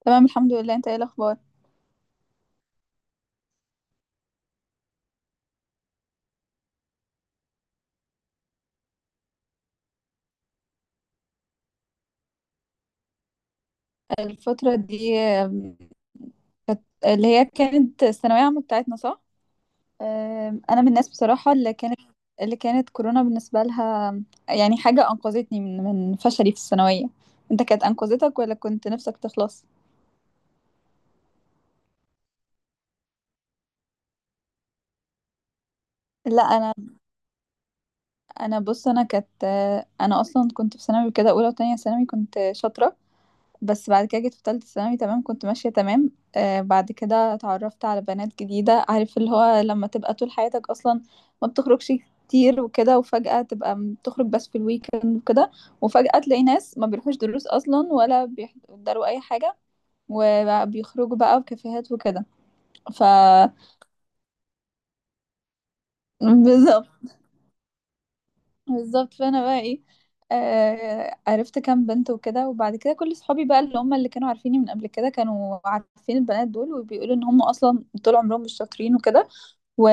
تمام الحمد لله. انت ايه الاخبار؟ الفتره دي كانت، اللي هي كانت الثانويه عامه بتاعتنا، صح؟ انا من الناس بصراحه اللي كانت، كورونا بالنسبه لها يعني حاجه انقذتني من فشلي في الثانويه. انت كانت انقذتك ولا كنت نفسك تخلص؟ لا انا بص، انا كانت انا اصلا كنت في ثانوي كده، اولى وتانية ثانوي كنت شاطره، بس بعد كده جيت في تالتة ثانوي تمام، كنت ماشية تمام. آه بعد كده اتعرفت على بنات جديدة، عارف اللي هو لما تبقى طول حياتك أصلا ما بتخرجش كتير وكده، وفجأة تبقى تخرج بس في الويكند وكده، وفجأة تلاقي ناس ما بيروحوش دروس أصلا ولا بيحضروا أي حاجة، وبيخرجوا بقى في كافيهات وكده. ف بالظبط. بالظبط، فانا بقى ايه، آه عرفت كام بنت وكده، وبعد كده كل صحابي بقى اللي هم اللي كانوا عارفيني من قبل كده كانوا عارفين البنات دول، وبيقولوا ان هم اصلا طول عمرهم مش شاطرين وكده و...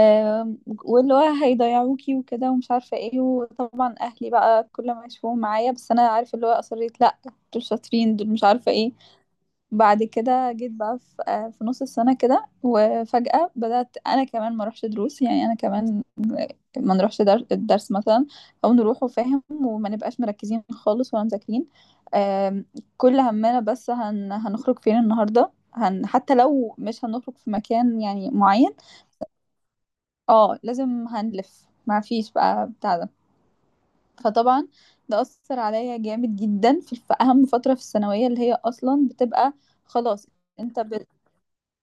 واللي هو هيضيعوكي وكده ومش عارفه ايه، وطبعا اهلي بقى كل ما يشوفوهم معايا، بس انا عارف اللي هو اصريت لا، دول شاطرين، دول مش عارفه ايه. بعد كده جيت بقى في في نص السنة كده، وفجأة بدأت أنا كمان ما أروحش دروس، يعني أنا كمان ما نروحش الدرس مثلا، أو نروحه فاهم وما نبقاش مركزين خالص ولا مذاكرين. آم، كل همنا بس هنخرج فين النهاردة، حتى لو مش هنخرج في مكان يعني معين، اه لازم هنلف، ما فيش بقى بتاع ده. فطبعا ده أثر عليا جامد جدا في أهم فترة في الثانوية اللي هي أصلا بتبقى خلاص. انت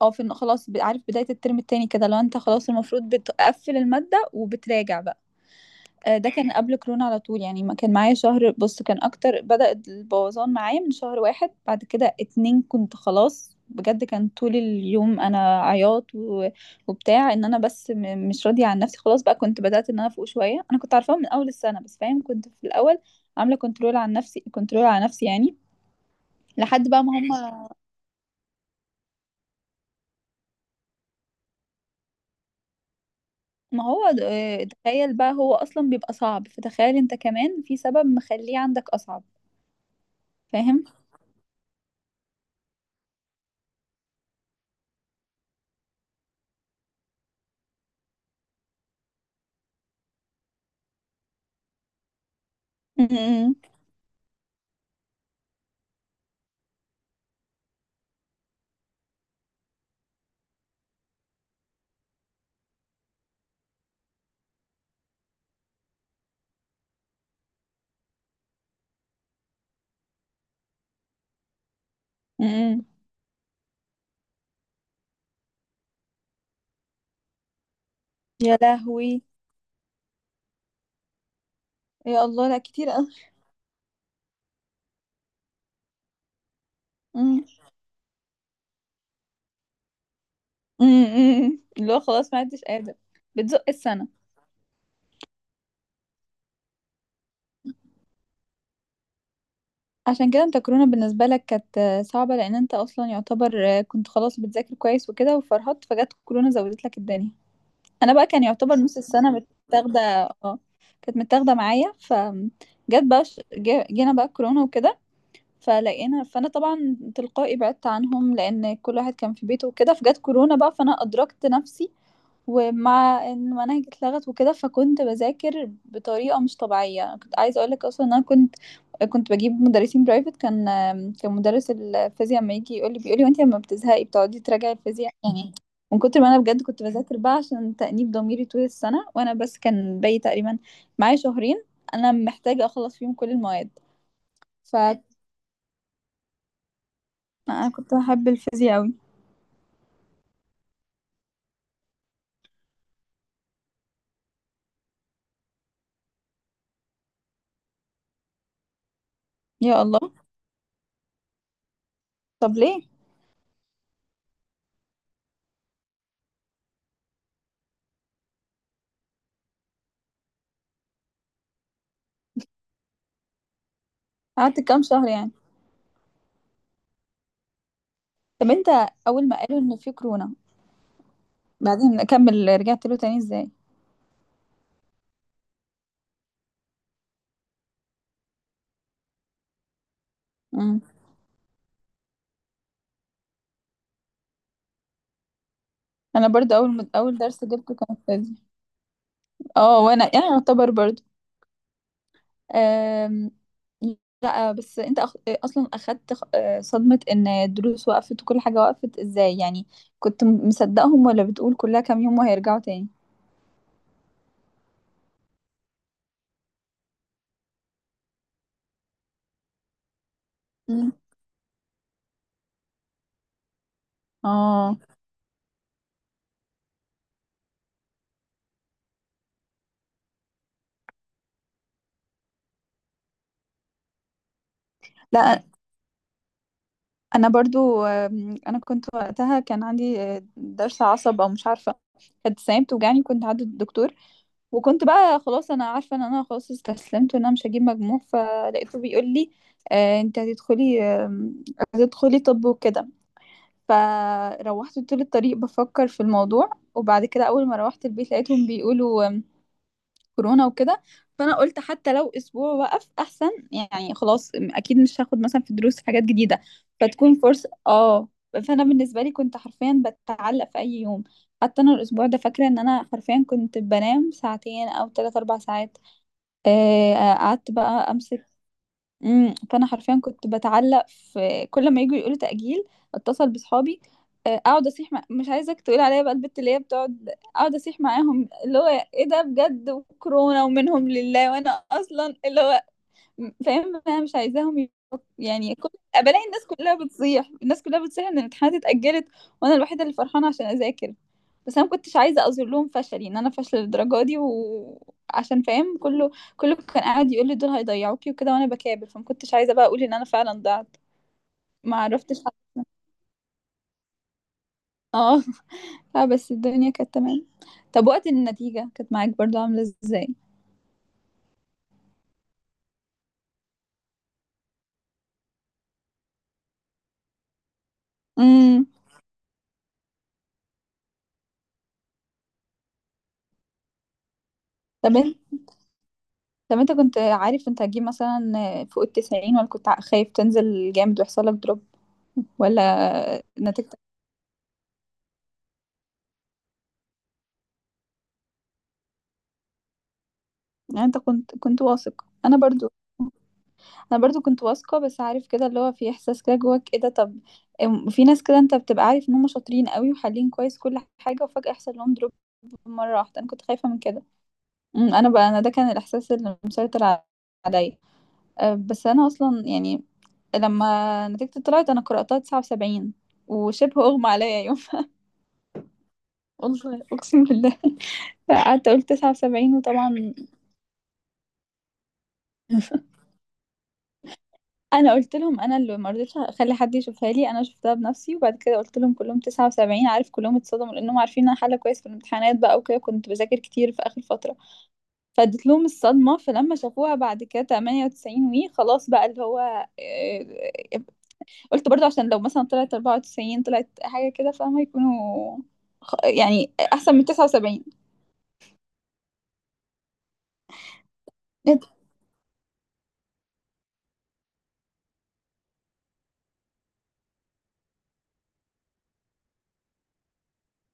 اه في خلاص عارف، بداية الترم التاني كده لو انت خلاص المفروض بتقفل المادة وبتراجع بقى. ده كان قبل كورونا على طول، يعني ما كان معايا شهر، بص كان اكتر، بدأ البوظان معايا من شهر واحد، بعد كده اتنين كنت خلاص بجد، كان طول اليوم انا عياط وبتاع، ان انا بس مش راضية عن نفسي خلاص. بقى كنت بدأت ان انا فوق شوية، انا كنت عارفاها من اول السنة بس فاهم، كنت في الاول عاملة كنترول عن نفسي، كنترول على نفسي يعني، لحد بقى ما هم، ما هو تخيل بقى، هو اصلا بيبقى صعب، فتخيل انت كمان في سبب مخليه عندك اصعب. فاهم. أمم، أمم. يا لهوي، يا الله، لا كتير قوي. أمم، أمم. اللي هو خلاص ما عدتش قادر بتزق السنه. عشان كده انت كورونا بالنسبه لك كانت صعبه، لان انت اصلا يعتبر كنت خلاص بتذاكر كويس وكده وفرهدت، فجت كورونا زودت لك الدنيا. انا بقى كان يعتبر نص السنه متاخده، اه كانت متاخده معايا، جت بقى جينا بقى كورونا وكده، فانا طبعا تلقائي بعدت عنهم لان كل واحد كان في بيته وكده، فجت كورونا بقى فانا ادركت نفسي. ومع ان المناهج اتلغت وكده، فكنت بذاكر بطريقه مش طبيعيه، كنت عايزه اقول لك اصلا ان انا كنت، كنت بجيب مدرسين برايفت. كان مدرس الفيزياء لما يجي يقول لي، بيقول لي وانت لما بتزهقي بتقعدي تراجعي الفيزياء يعني، من كتر ما انا بجد كنت بذاكر بقى عشان تأنيب ضميري طول السنه. وانا بس كان باقي تقريبا معايا شهرين، انا محتاجه اخلص فيهم كل المواد. ف انا كنت بحب الفيزياء قوي. يا الله. طب ليه؟ قعدت كام شهر يعني؟ طب انت اول ما قالوا ان في كورونا، بعدين اكمل رجعت له تاني ازاي؟ امم. انا برضو اول درس جبته كان فيزياء، اه. وانا يعني يعتبر برضو أم... لا بس انت اصلا اخدت صدمة ان الدروس وقفت وكل حاجة وقفت ازاي يعني. كنت مصدقهم ولا بتقول كلها كام يوم وهيرجعوا تاني؟ مم. اه لا انا برضو انا كنت وقتها كان عندي ضرس عصب او مش عارفه، كانت السنه بتوجعني كنت عند الدكتور، وكنت بقى خلاص انا عارفه ان انا خلاص استسلمت وان انا مش هجيب مجموع، فلقيته بيقول لي انت هتدخلي طب وكده. فروحت طول الطريق بفكر في الموضوع، وبعد كده اول ما روحت البيت لقيتهم بيقولوا كورونا وكده. فانا قلت حتى لو اسبوع وقف احسن، يعني خلاص اكيد مش هاخد مثلا في دروس حاجات جديده، فتكون فرصه. اه، فانا بالنسبه لي كنت حرفيا بتعلق في اي يوم. حتى انا الاسبوع ده فاكره ان انا حرفيا كنت بنام ساعتين او ثلاث اربع ساعات. قعدت بقى امسك. امم. فانا حرفيا كنت بتعلق في كل ما يجوا يقولوا تأجيل، اتصل بصحابي، اقعد اصيح، مش عايزك تقول عليا بقى البت اللي هي بتقعد اقعد اصيح معاهم، اللي هو ايه ده بجد، وكورونا ومنهم لله، وانا اصلا اللي هو فاهم انا مش عايزاهم يعني كل بلاقي الناس كلها بتصيح، الناس كلها بتصيح ان الامتحانات اتأجلت، وانا الوحيدة اللي فرحانة عشان اذاكر. بس انا ما كنتش عايزة اظهر لهم فشلي، ان انا فاشلة للدرجة دي، وعشان فاهم كله كان قاعد يقول لي دول هيضيعوكي وكده، وانا بكابر، فما كنتش عايزة بقى اقول ان انا فعلا ضعت. ما عرفتش اه. لا بس الدنيا كانت تمام. طب وقت النتيجة كانت معاك برضو عاملة ازاي؟ امم. طب طب انت كنت عارف انت هتجيب مثلا فوق التسعين، ولا كنت خايف تنزل جامد ويحصل لك دروب، ولا نتيجتك؟ يعني انت كنت واثق؟ انا برضو، انا برضو كنت واثقه، بس عارف كده اللي هو في احساس كده جواك ايه ده. طب في ناس كده انت بتبقى عارف ان هم شاطرين قوي وحالين كويس كل حاجه، وفجاه يحصل لهم دروب مره واحده، انا كنت خايفه من كده. انا بقى انا ده كان الاحساس اللي مسيطر عليا. اه، بس انا اصلا يعني لما نتيجتي طلعت انا قرأتها 79، وشبه اغمى عليا يوم. والله أقسم بالله، فقعدت أقول 79 وطبعًا أنا قُلت لهم، أنا اللي ما رضيتش أخلّي حد يشوفها لي، أنا شُفتها بنَفْسي وبعد كده قُلت لهم كلّهم 79. عارف كلّهم اتصدموا، لإنّهم عارفين إن أنا حالة كويس في الامتحانات بقى وكده، كنت باذاكر كتير في آخر فترة، فادّيت لهم الصدمة، فلمّا شافوها بعد كده 98. خلاص بقى اللي هو آآ قُلت برضه عشان لو مثلًا طلعت 94 طلعت حاجة كده فاهمة، يكونوا يعني أحسن من 79.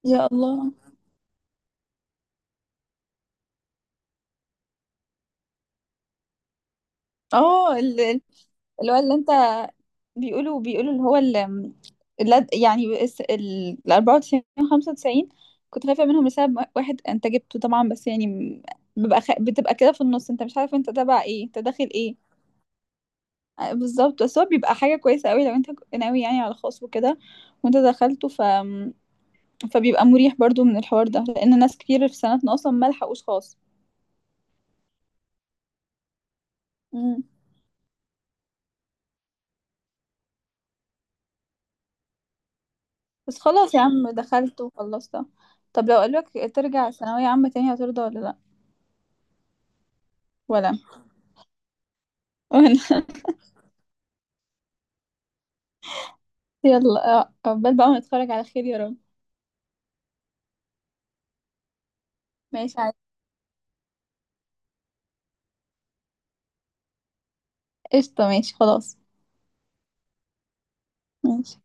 يا الله! آه ال اللي هو اللي انت بيقولوا، اللي هو ال- اللد يعني الس- ال ال 94، 95. كنت خايفة منهم لسبب واحد، انت جبته طبعا بس يعني ببقى بتبقى كده في النص، انت مش عارف انت تبع ايه، انت داخل ايه. بالظبط. بس هو بيبقى حاجة كويسة قوي لو انت ناوي يعني على خاص وكده وانت دخلته، فبيبقى مريح برضو من الحوار ده، لان ناس كتير في سنتنا اصلا ما لحقوش خاص. مم. بس خلاص يا عم دخلت وخلصت. طب لو قالك ترجع ثانوية عامة تاني هترضى ولا لا؟ ولا. وانا يلا عقبال بقى ما نتفرج على خير يا رب. ماشي عادي. قشطة ماشي خلاص. ماشي.